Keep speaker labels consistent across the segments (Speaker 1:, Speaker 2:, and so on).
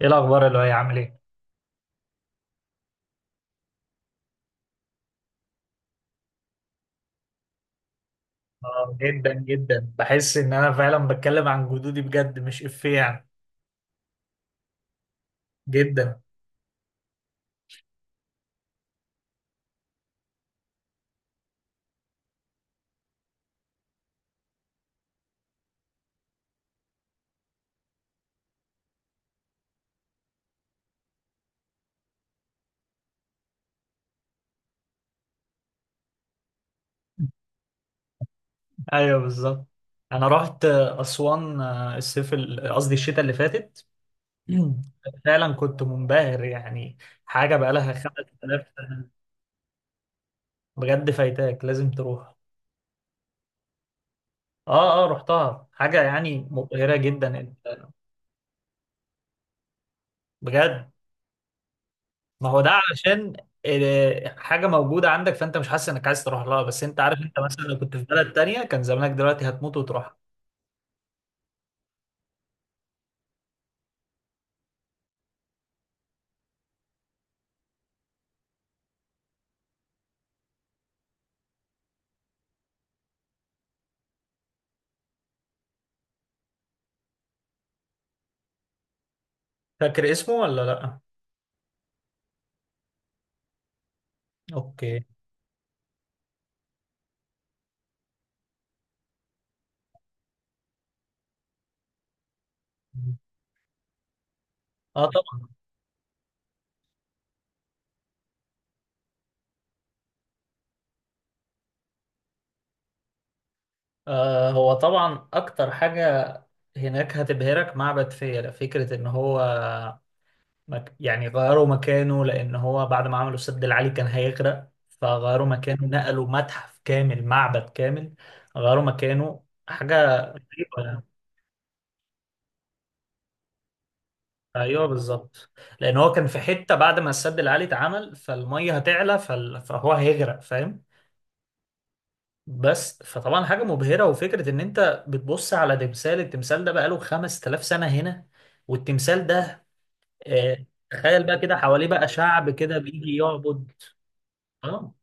Speaker 1: ايه الاخبار اللي هي عامل ايه؟ اه، جدا جدا. بحس ان انا فعلا بتكلم عن جدودي بجد مش افيه يعني. جدا. ايوه بالظبط. انا رحت اسوان الصيف قصدي الشتاء اللي فاتت. فعلا كنت منبهر يعني. حاجه بقالها 5000 سنه. بجد فايتاك لازم تروح. اه اه رحتها، حاجه يعني مبهره جدا. انت بجد؟ ما هو ده علشان حاجة موجودة عندك، فأنت مش حاسس إنك عايز تروح لها، بس أنت عارف أنت مثلا لو كنت في بلد تانية كان زمانك دلوقتي هتموت وتروح. فاكر اسمه ولا لأ؟ أوكي. آه طبعا. آه هو طبعا أكتر حاجة هناك هتبهرك معبد فيلة. فكرة إن هو يعني غيروا مكانه، لأن هو بعد ما عملوا السد العالي كان هيغرق، فغيروا مكانه، نقلوا متحف كامل، معبد كامل غيروا مكانه. حاجة غريبة يعني. ايوه بالظبط. لان هو كان في حته بعد ما السد العالي اتعمل، فالميه هتعلى فهو هيغرق، فاهم؟ بس فطبعا حاجه مبهره، وفكره ان انت بتبص على تمثال، التمثال ده بقاله 5000 سنه هنا. والتمثال ده تخيل بقى كده حواليه بقى شعب كده بيجي يعبد. اه.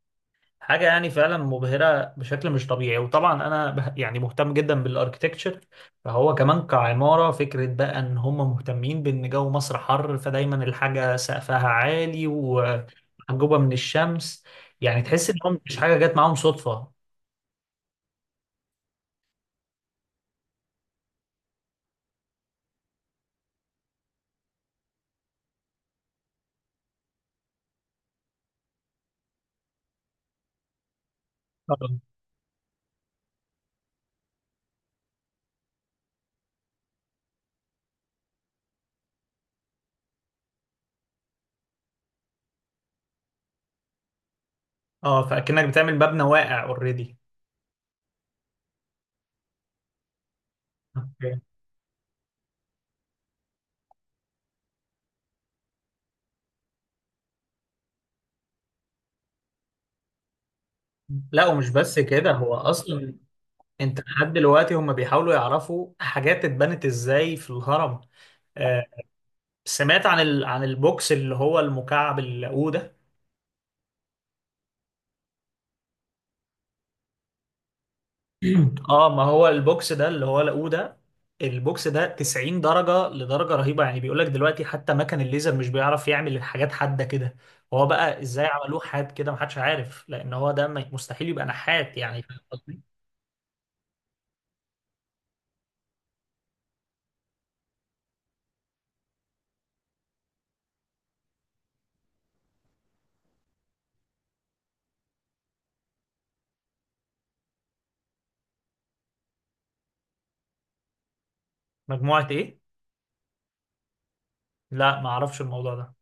Speaker 1: حاجة يعني فعلا مبهرة بشكل مش طبيعي. وطبعا أنا يعني مهتم جدا بالأركتكتشر، فهو كمان كعمارة، فكرة بقى إن هم مهتمين بإن جو مصر حر، فدايما الحاجة سقفها عالي ومحجوبة من الشمس. يعني تحس إن هم مش حاجة جت معاهم صدفة. طبعا. اه، فأكنك بتعمل مبنى واقع اوريدي. اوكي. لا ومش بس كده، هو أصلا أنت لحد دلوقتي هم بيحاولوا يعرفوا حاجات اتبنت إزاي في الهرم. آه، سمعت عن عن البوكس اللي هو المكعب اللاقوده. اه، ما هو البوكس ده اللي هو لاقوده، البوكس ده 90 درجة لدرجة رهيبة. يعني بيقولك دلوقتي حتى مكن الليزر مش بيعرف يعمل الحاجات حادة كده. هو بقى ازاي عملوه حاد كده محدش عارف، لأن هو ده مستحيل يبقى نحات، يعني فاهم قصدي؟ مجموعة ايه؟ لا ما اعرفش الموضوع ده.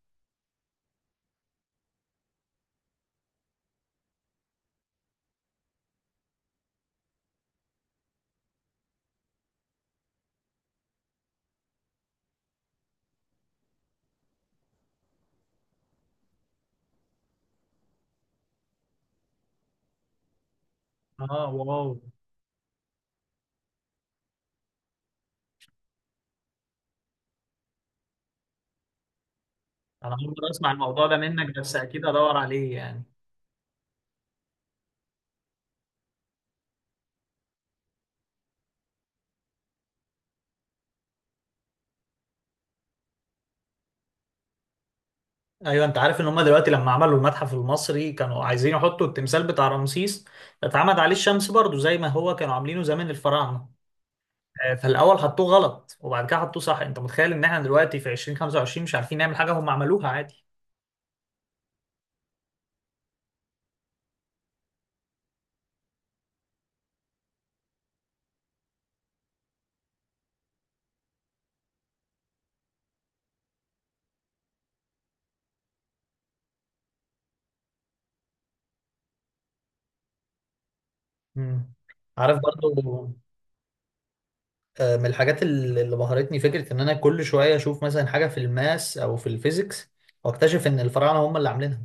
Speaker 1: اه واو. انا اول مرة اسمع الموضوع ده منك، بس اكيد ادور عليه يعني. ايوه، انت عارف ان هم دلوقتي لما عملوا المتحف المصري كانوا عايزين يحطوا التمثال بتاع رمسيس اتعمد عليه الشمس برضو زي ما هو كانوا عاملينه زمان الفراعنه. فالاول حطوه غلط وبعد كده حطوه صح. انت متخيل ان احنا دلوقتي في 2025 مش عارفين نعمل حاجه هم عملوها عادي؟ مم. عارف برضو. من الحاجات اللي بهرتني فكره ان انا كل شويه اشوف مثلا حاجه في الماس او في الفيزيكس، واكتشف ان الفراعنه هم اللي عاملينها.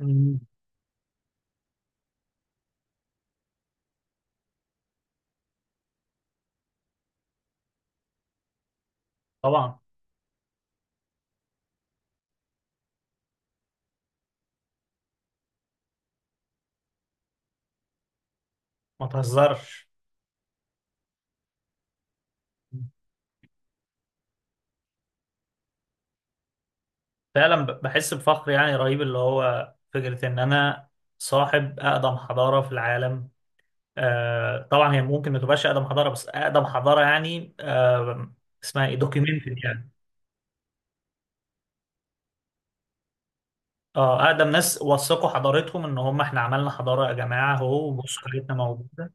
Speaker 1: مم. طبعا. ما تهزرش. فعلا بحس بفخر يعني رهيب، اللي هو فكرة إن أنا صاحب أقدم حضارة في العالم. آه طبعا، هي ممكن ما تبقاش أقدم حضارة، بس أقدم حضارة يعني آه، اسمها إيه، دوكيومنتد يعني. اه، أقدم ناس وثقوا حضارتهم إن هم، إحنا عملنا حضارة يا جماعة أهو، بصوا حاجتنا موجودة.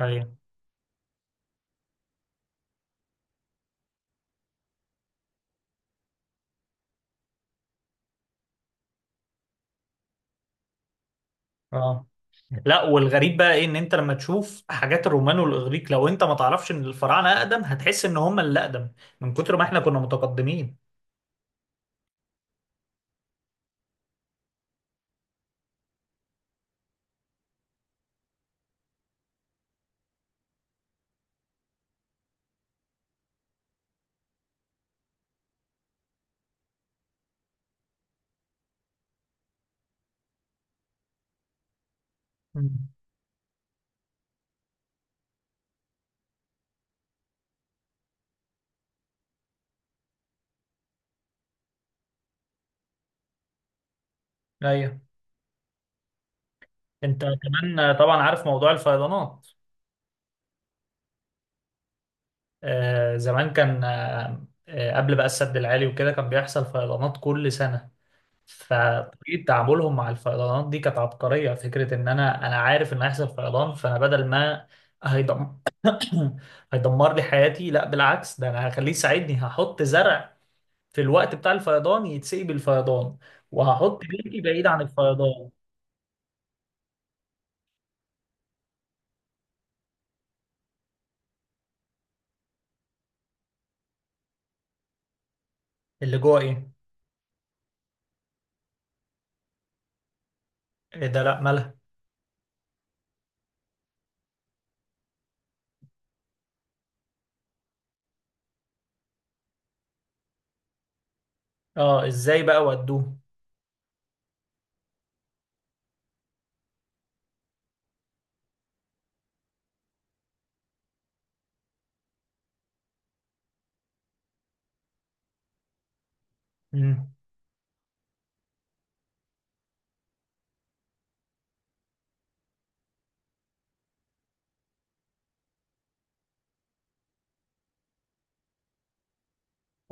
Speaker 1: أيوه. اه، لا والغريب بقى ايه، ان انت لما تشوف حاجات الرومان والاغريق، لو انت ما تعرفش ان الفراعنه اقدم هتحس ان هم اللي اقدم، من كتر ما احنا كنا متقدمين. مم. ايوه. انت كمان طبعا عارف موضوع الفيضانات. آه، زمان كان قبل بقى السد العالي وكده كان بيحصل فيضانات كل سنة. فطريقة تعاملهم مع الفيضانات دي كانت عبقرية. فكرة ان انا، عارف ان هيحصل فيضان، فانا بدل ما هيدم... هيدمر لي حياتي، لا بالعكس ده انا هخليه يساعدني، هحط زرع في الوقت بتاع الفيضان يتسقي بالفيضان، وهحط بيتي بعيد عن الفيضان. اللي جوه ايه؟ إيه ده، لا مالها. اه، ازاي بقى ودوه؟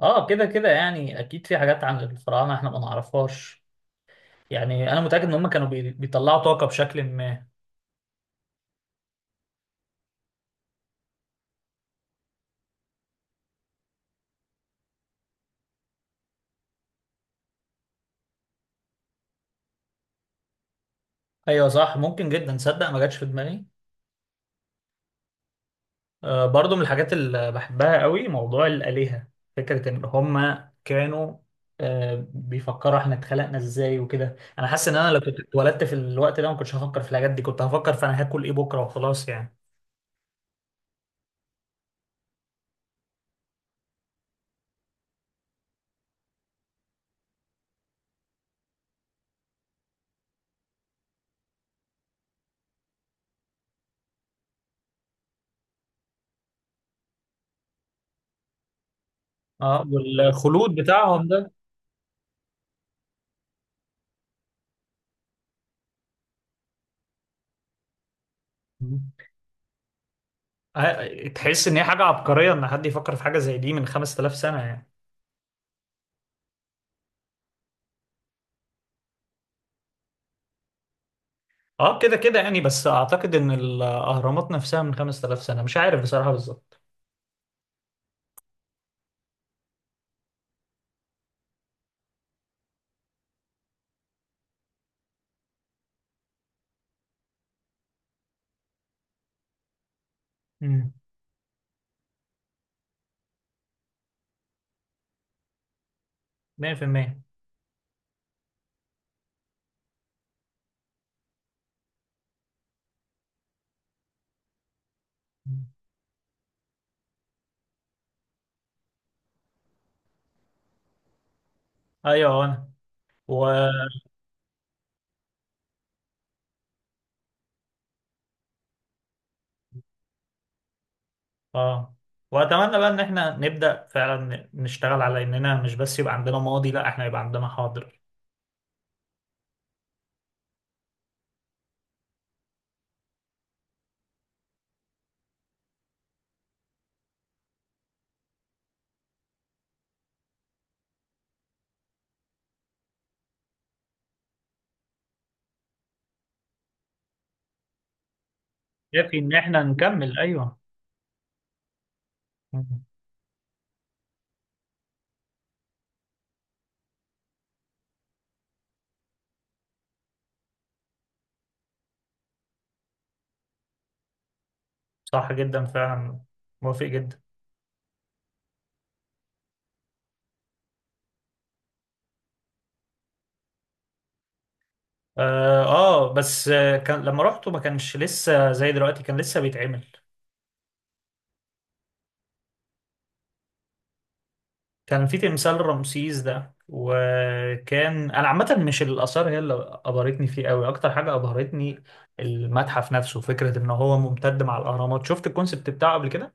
Speaker 1: اه، كده كده يعني اكيد في حاجات عن الفراعنه احنا ما نعرفهاش. يعني انا متاكد ان هم كانوا بيطلعوا طاقه بشكل ما. ايوه صح، ممكن جدا. تصدق ما جاتش في دماغي. آه، برضو من الحاجات اللي بحبها قوي موضوع الالهه، فكره ان هم كانوا آه، بيفكروا احنا اتخلقنا ازاي وكده. انا حاسس ان انا لو كنت اتولدت في الوقت ده ما كنتش هفكر في الحاجات دي، كنت هفكر في انا هاكل ايه بكره وخلاص يعني. اه، والخلود بتاعهم ده. تحس ان هي حاجه عبقريه ان حد يفكر في حاجه زي دي من 5000 سنه يعني. اه، كده كده يعني، بس اعتقد ان الاهرامات نفسها من 5000 سنه، مش عارف بصراحه بالظبط. امم. 100%. ايوه انا و اه، واتمنى بقى ان احنا نبدا فعلا نشتغل على اننا مش بس يبقى عندنا ماضي، لا احنا يبقى عندنا حاضر. يكفي ان احنا نكمل، ايوه. مم. صح جدا فعلا. موافق جدا. اه, آه بس آه، كان لما رحته ما كانش لسه زي دلوقتي، كان لسه بيتعمل. كان في تمثال رمسيس ده، وكان انا عامه مش الاثار هي اللي ابهرتني فيه قوي. اكتر حاجه ابهرتني المتحف نفسه، فكره ان هو ممتد مع الاهرامات. شفت الكونسبت بتاعه قبل كده؟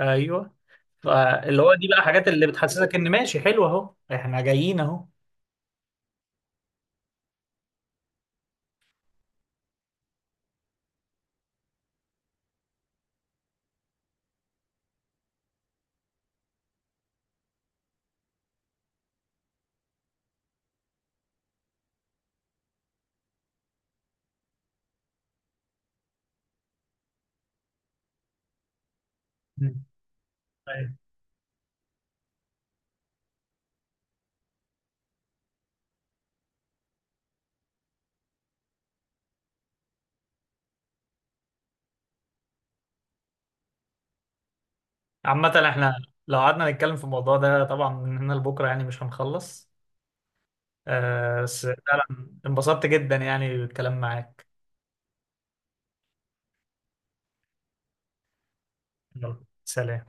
Speaker 1: ايوه. فاللي هو دي بقى حاجات اللي بتحسسك ان ماشي حلو، اهو احنا جايين اهو. مم. أيوة. عامه احنا لو قعدنا نتكلم في الموضوع ده طبعا من هنا لبكره يعني مش هنخلص. بس فعلا انبسطت جدا يعني بالكلام معاك. يلا سلام.